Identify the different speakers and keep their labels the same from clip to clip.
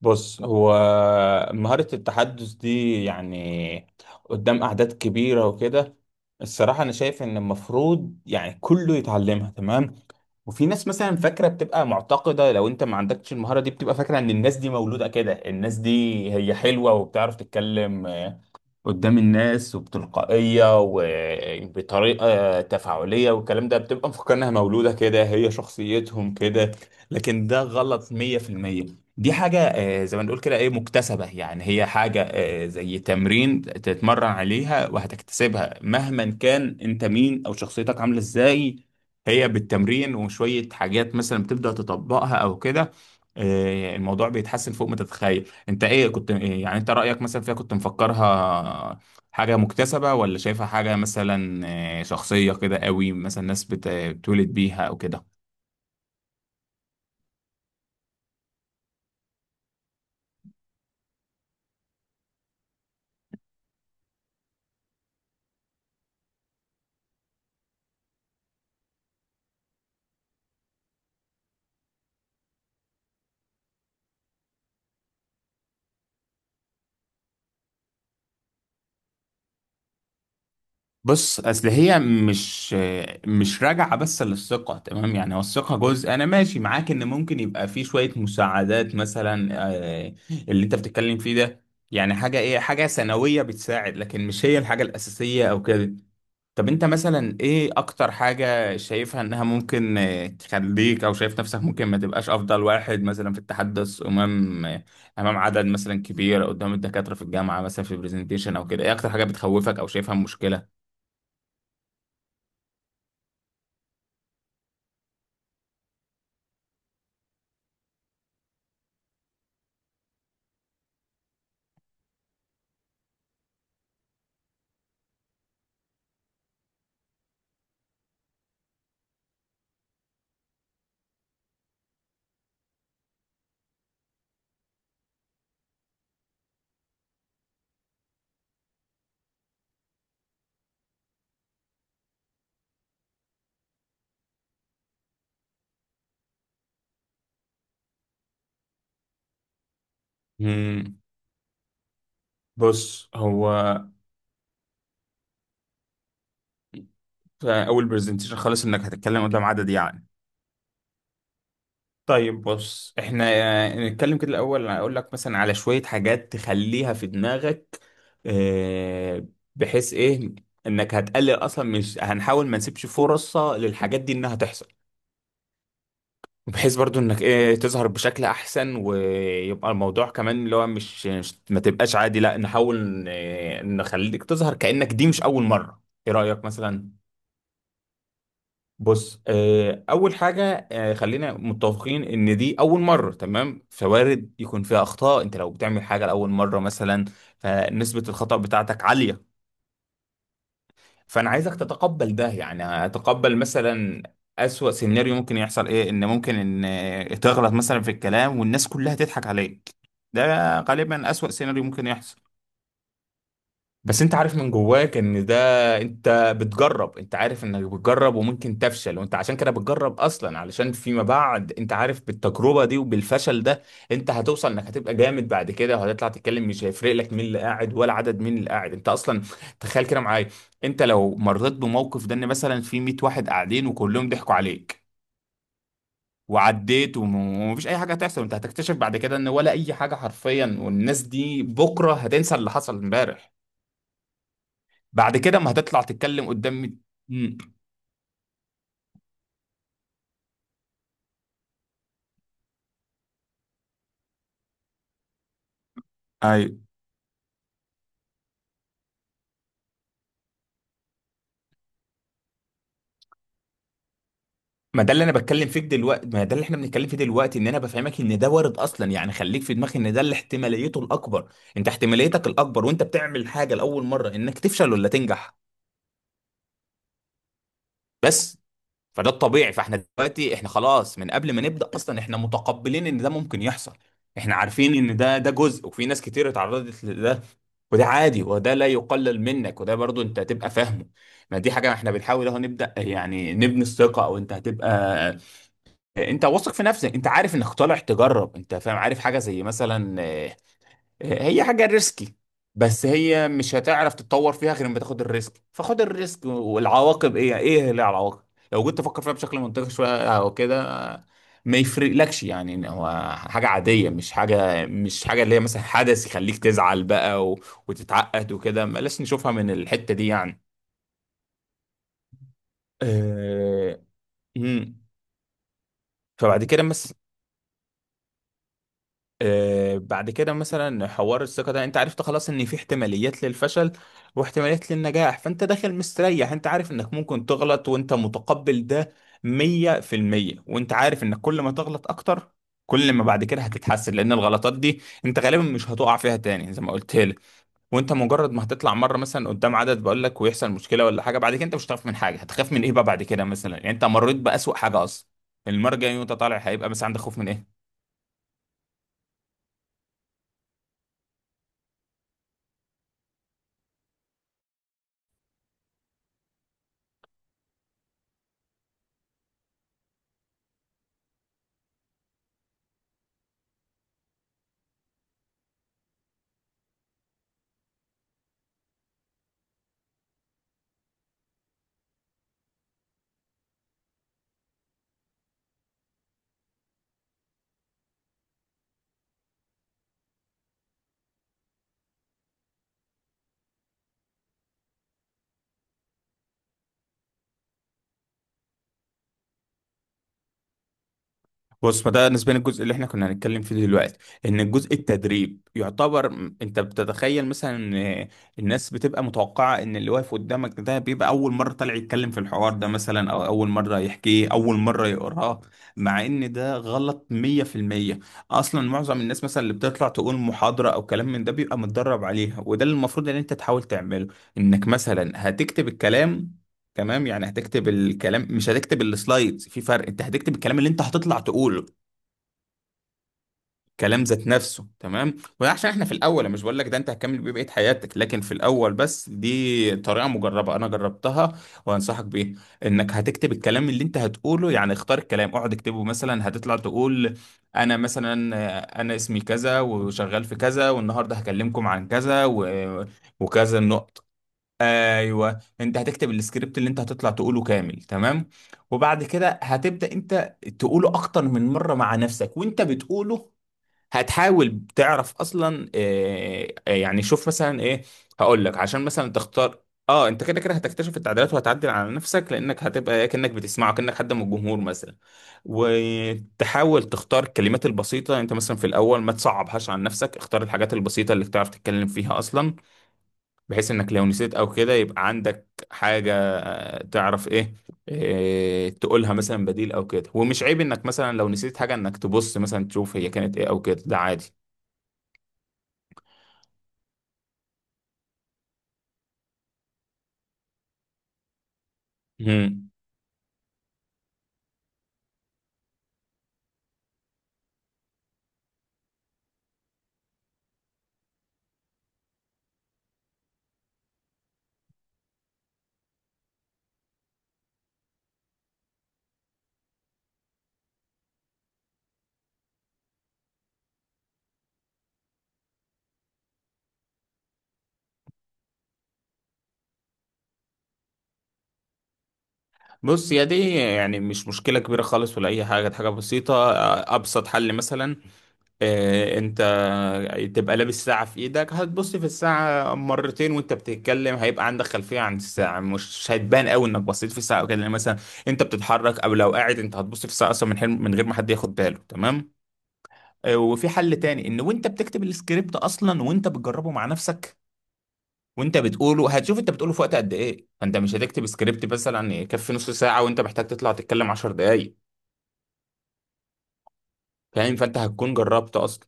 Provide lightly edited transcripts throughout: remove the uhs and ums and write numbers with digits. Speaker 1: بص هو مهارة التحدث دي يعني قدام أعداد كبيرة وكده. الصراحة أنا شايف إن المفروض يعني كله يتعلمها. تمام. وفي ناس مثلا فاكرة، بتبقى معتقدة لو أنت ما عندكش المهارة دي بتبقى فاكرة إن الناس دي مولودة كده، الناس دي هي حلوة وبتعرف تتكلم قدام الناس وبتلقائية وبطريقة تفاعلية والكلام ده، بتبقى مفكرنها مولودة كده، هي شخصيتهم كده. لكن ده غلط 100%. دي حاجة زي ما نقول كده ايه، مكتسبة. يعني هي حاجة زي تمرين تتمرن عليها وهتكتسبها مهما كان انت مين او شخصيتك عاملة ازاي. هي بالتمرين وشوية حاجات مثلا بتبدأ تطبقها او كده. الموضوع بيتحسن فوق ما تتخيل. انت ايه، كنت إيه يعني، انت رأيك مثلا فيها كنت مفكرها حاجة مكتسبة ولا شايفها حاجة مثلا شخصية كده قوي، مثلا ناس بتولد بيها او كده؟ بص اصل هي مش راجعة بس للثقة، تمام؟ يعني هو الثقة جزء، انا ماشي معاك ان ممكن يبقى في شوية مساعدات مثلا، آه، اللي انت بتتكلم فيه ده، يعني حاجة ايه، حاجة ثانوية بتساعد، لكن مش هي الحاجة الأساسية او كده. طب انت مثلا ايه اكتر حاجة شايفها انها ممكن تخليك، او شايف نفسك ممكن ما تبقاش افضل واحد مثلا في التحدث امام امام عدد مثلا كبير، أو قدام الدكاترة في الجامعة مثلا في برزنتيشن او كده؟ ايه اكتر حاجة بتخوفك او شايفها مشكلة؟ مم. بص هو، في اول برزنتيشن خالص انك هتتكلم قدام عدد يعني. طيب بص، احنا نتكلم كده الاول، اقول لك مثلا على شوية حاجات تخليها في دماغك، آه، بحيث ايه، انك هتقلل اصلا، مش هنحاول، ما نسيبش فرصة للحاجات دي انها تحصل، بحيث برضو انك ايه، تظهر بشكل احسن، ويبقى الموضوع كمان اللي هو ما تبقاش عادي، لا نحاول نخليك تظهر كأنك دي مش اول مرة. ايه رأيك مثلا؟ بص، اول حاجه، خلينا متفقين ان دي اول مره، تمام؟ فوارد يكون فيها اخطاء، انت لو بتعمل حاجه لاول مره مثلا فنسبه الخطا بتاعتك عاليه. فانا عايزك تتقبل ده، يعني اتقبل مثلا اسوأ سيناريو ممكن يحصل ايه، ان ممكن ان تغلط مثلا في الكلام والناس كلها تضحك عليك. ده غالبا اسوأ سيناريو ممكن يحصل. بس انت عارف من جواك ان ده، انت بتجرب، انت عارف انك بتجرب وممكن تفشل، وانت عشان كده بتجرب اصلا، علشان فيما بعد انت عارف بالتجربة دي وبالفشل ده، انت هتوصل انك هتبقى جامد بعد كده، وهتطلع تتكلم مش هيفرق لك مين اللي قاعد ولا عدد مين اللي قاعد انت اصلا. تخيل كده معايا، انت لو مريت بموقف ده، ان مثلا في 100 واحد قاعدين وكلهم ضحكوا عليك، وعديت وم- ومفيش اي حاجه هتحصل، انت هتكتشف بعد كده ان ولا اي حاجه حرفيا، والناس دي بكره هتنسى اللي حصل امبارح. بعد كده ما هتطلع تتكلم قدام. مم. ايوه. ما ده اللي انا بتكلم فيه دلوقتي، ما ده اللي احنا بنتكلم فيه دلوقتي، ان انا بفهمك ان ده وارد اصلا، يعني خليك في دماغك ان ده اللي احتماليته الاكبر، انت احتماليتك الاكبر وانت بتعمل حاجه لاول مره انك تفشل ولا تنجح. بس. فده الطبيعي، فاحنا دلوقتي احنا خلاص من قبل ما نبدا اصلا، احنا متقبلين ان ده ممكن يحصل. احنا عارفين ان ده، جزء، وفي ناس كتير اتعرضت لده، وده عادي، وده لا يقلل منك، وده برضو انت هتبقى فاهمه. ما دي حاجه احنا بنحاول اهو نبدا يعني نبني الثقه، او انت هتبقى، انت واثق في نفسك، انت عارف انك طالع تجرب، انت فاهم، عارف حاجه زي مثلا هي حاجة ريسكي، بس هي مش هتعرف تتطور فيها غير لما تاخد الريسك. فخد الريسك، والعواقب ايه، ايه اللي العواقب، لو جيت تفكر فيها بشكل منطقي شوية او كده، ما يفرقلكش، يعني إن هو حاجة عادية، مش حاجة، اللي هي مثلا حدث يخليك تزعل بقى وتتعقد وكده. بلاش نشوفها من الحتة دي يعني. أه... مم. فبعد كده بس، بعد كده مثلا، حوار الثقة ده انت عرفت خلاص ان في احتماليات للفشل واحتماليات للنجاح، فانت داخل مستريح، انت عارف انك ممكن تغلط وانت متقبل ده مية في المية، وانت عارف انك كل ما تغلط اكتر، كل ما بعد كده هتتحسن، لان الغلطات دي انت غالبا مش هتقع فيها تاني زي ما قلت لك. وانت مجرد ما هتطلع مره مثلا قدام عدد، بقول لك، ويحصل مشكله ولا حاجه، بعد كده انت مش هتخاف من حاجه. هتخاف من ايه بقى بعد كده مثلا؟ يعني انت مريت باسوأ حاجه اصلا. المره الجايه وانت طالع هيبقى مثلا عندك خوف من ايه؟ بص، فده نسبيا الجزء اللي احنا كنا هنتكلم فيه دلوقتي، ان الجزء التدريب يعتبر انت بتتخيل مثلا ان الناس بتبقى متوقعه ان اللي واقف قدامك ده بيبقى اول مره طالع يتكلم في الحوار ده مثلا، او اول مره يحكيه، اول مره يقراه. مع ان ده غلط 100%. اصلا معظم الناس مثلا اللي بتطلع تقول محاضره او كلام من ده بيبقى متدرب عليها، وده اللي المفروض ان انت تحاول تعمله، انك مثلا هتكتب الكلام. تمام؟ يعني هتكتب الكلام، مش هتكتب السلايدز، في فرق. انت هتكتب الكلام اللي انت هتطلع تقوله. كلام ذات نفسه، تمام؟ وعشان احنا في الاول، أنا مش بقول لك ده انت هتكمل بيه بقيه حياتك، لكن في الاول بس دي طريقه مجربه انا جربتها وانصحك بيها، انك هتكتب الكلام اللي انت هتقوله، يعني اختار الكلام، اقعد اكتبه مثلا. هتطلع تقول انا مثلا انا اسمي كذا، وشغال في كذا، والنهارده هكلمكم عن كذا وكذا النقط. ايوه، انت هتكتب السكريبت اللي انت هتطلع تقوله كامل، تمام؟ وبعد كده هتبدا انت تقوله اكتر من مره مع نفسك، وانت بتقوله هتحاول تعرف اصلا، يعني شوف مثلا ايه، هقول لك عشان مثلا تختار. اه، انت كده كده هتكتشف التعديلات وهتعدل على نفسك، لانك هتبقى كانك بتسمعه، كانك حد من الجمهور مثلا. وتحاول تختار الكلمات البسيطه، انت مثلا في الاول ما تصعبهاش عن نفسك، اختار الحاجات البسيطه اللي بتعرف تتكلم فيها اصلا، بحيث انك لو نسيت او كده يبقى عندك حاجه تعرف ايه، تقولها مثلا بديل او كده. ومش عيب انك مثلا لو نسيت حاجه، انك تبص مثلا تشوف هي كانت ايه او كده، ده عادي. مم. بص يا دي يعني مش مشكلة كبيرة خالص ولا أي حاجة، دي حاجة بسيطة. أبسط حل مثلا، أنت تبقى لابس ساعة في إيدك، هتبص في الساعة مرتين وأنت بتتكلم، هيبقى عندك خلفية عن الساعة، مش هتبان قوي إنك بصيت في الساعة أو كده، لأن مثلا أنت بتتحرك، أو لو قاعد أنت هتبص في الساعة أصلا من حين، من غير ما حد ياخد باله. تمام؟ وفي حل تاني، إن وأنت بتكتب السكريبت أصلا وأنت بتجربه مع نفسك وانت بتقوله، هتشوف انت بتقوله في وقت قد ايه، فانت مش هتكتب سكريبت مثلا يكفي نص ساعة وانت محتاج تطلع تتكلم عشر دقايق. فاهم؟ فانت هتكون جربت اصلا.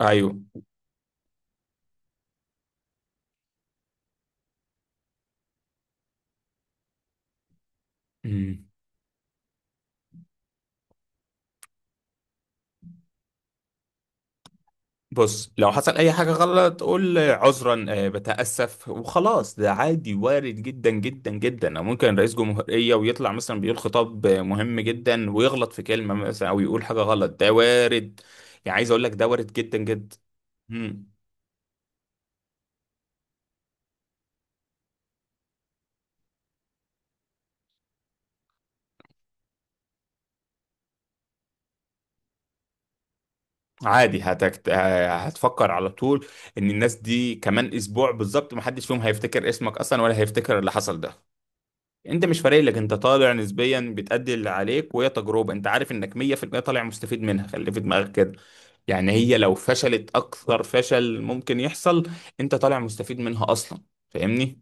Speaker 1: ايوه. امم. بص، لو حصل اي حاجة غلط قول عذرا، بتأسف وخلاص، ده عادي، وارد جدا جدا جدا. أو ممكن رئيس جمهورية ويطلع مثلا بيقول خطاب مهم جدا ويغلط في كلمة مثلا او يقول حاجة غلط، ده وارد. يعني عايز اقول لك ده وارد جدا جدا. امم. عادي، هتفكر على طول ان الناس دي كمان اسبوع بالظبط محدش فيهم هيفتكر اسمك اصلا، ولا هيفتكر اللي حصل ده. انت مش فارق لك، انت طالع نسبيا بتأدي اللي عليك، وهي تجربة انت عارف انك 100% طالع مستفيد منها. خلي في دماغك كده، يعني هي لو فشلت اكثر فشل ممكن يحصل، انت طالع مستفيد منها اصلا. فاهمني؟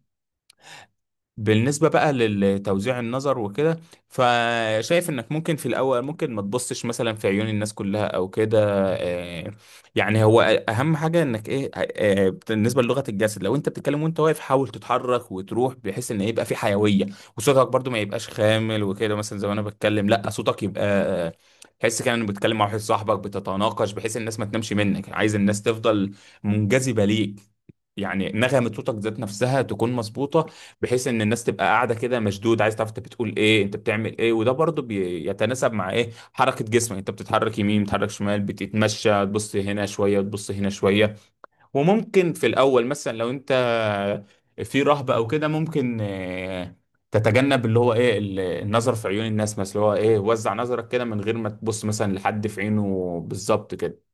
Speaker 1: بالنسبة بقى لتوزيع النظر وكده، فشايف انك ممكن في الاول ممكن ما تبصش مثلا في عيون الناس كلها او كده. آه، يعني هو اهم حاجة انك ايه، بالنسبة للغة الجسد، لو انت بتتكلم وانت واقف حاول تتحرك وتروح، بحيث ان يبقى في حيوية. وصوتك برضو ما يبقاش خامل وكده مثلا، زي ما انا بتكلم، لا صوتك يبقى تحس كده انك بتتكلم مع واحد صاحبك، بتتناقش، بحيث الناس ما تنامش منك، عايز الناس تفضل منجذبة ليك. يعني نغمة صوتك ذات نفسها تكون مظبوطة، بحيث ان الناس تبقى قاعده كده مشدود عايز تعرف انت بتقول ايه، انت بتعمل ايه. وده برضو بيتناسب مع ايه، حركه جسمك، انت بتتحرك يمين، بتتحرك شمال، بتتمشى، تبص هنا شويه، تبص هنا شويه. وممكن في الاول مثلا لو انت في رهبه او كده ممكن تتجنب اللي هو ايه النظر في عيون الناس مثلا، اللي هو ايه، وزع نظرك كده من غير ما تبص مثلا لحد في عينه بالظبط كده.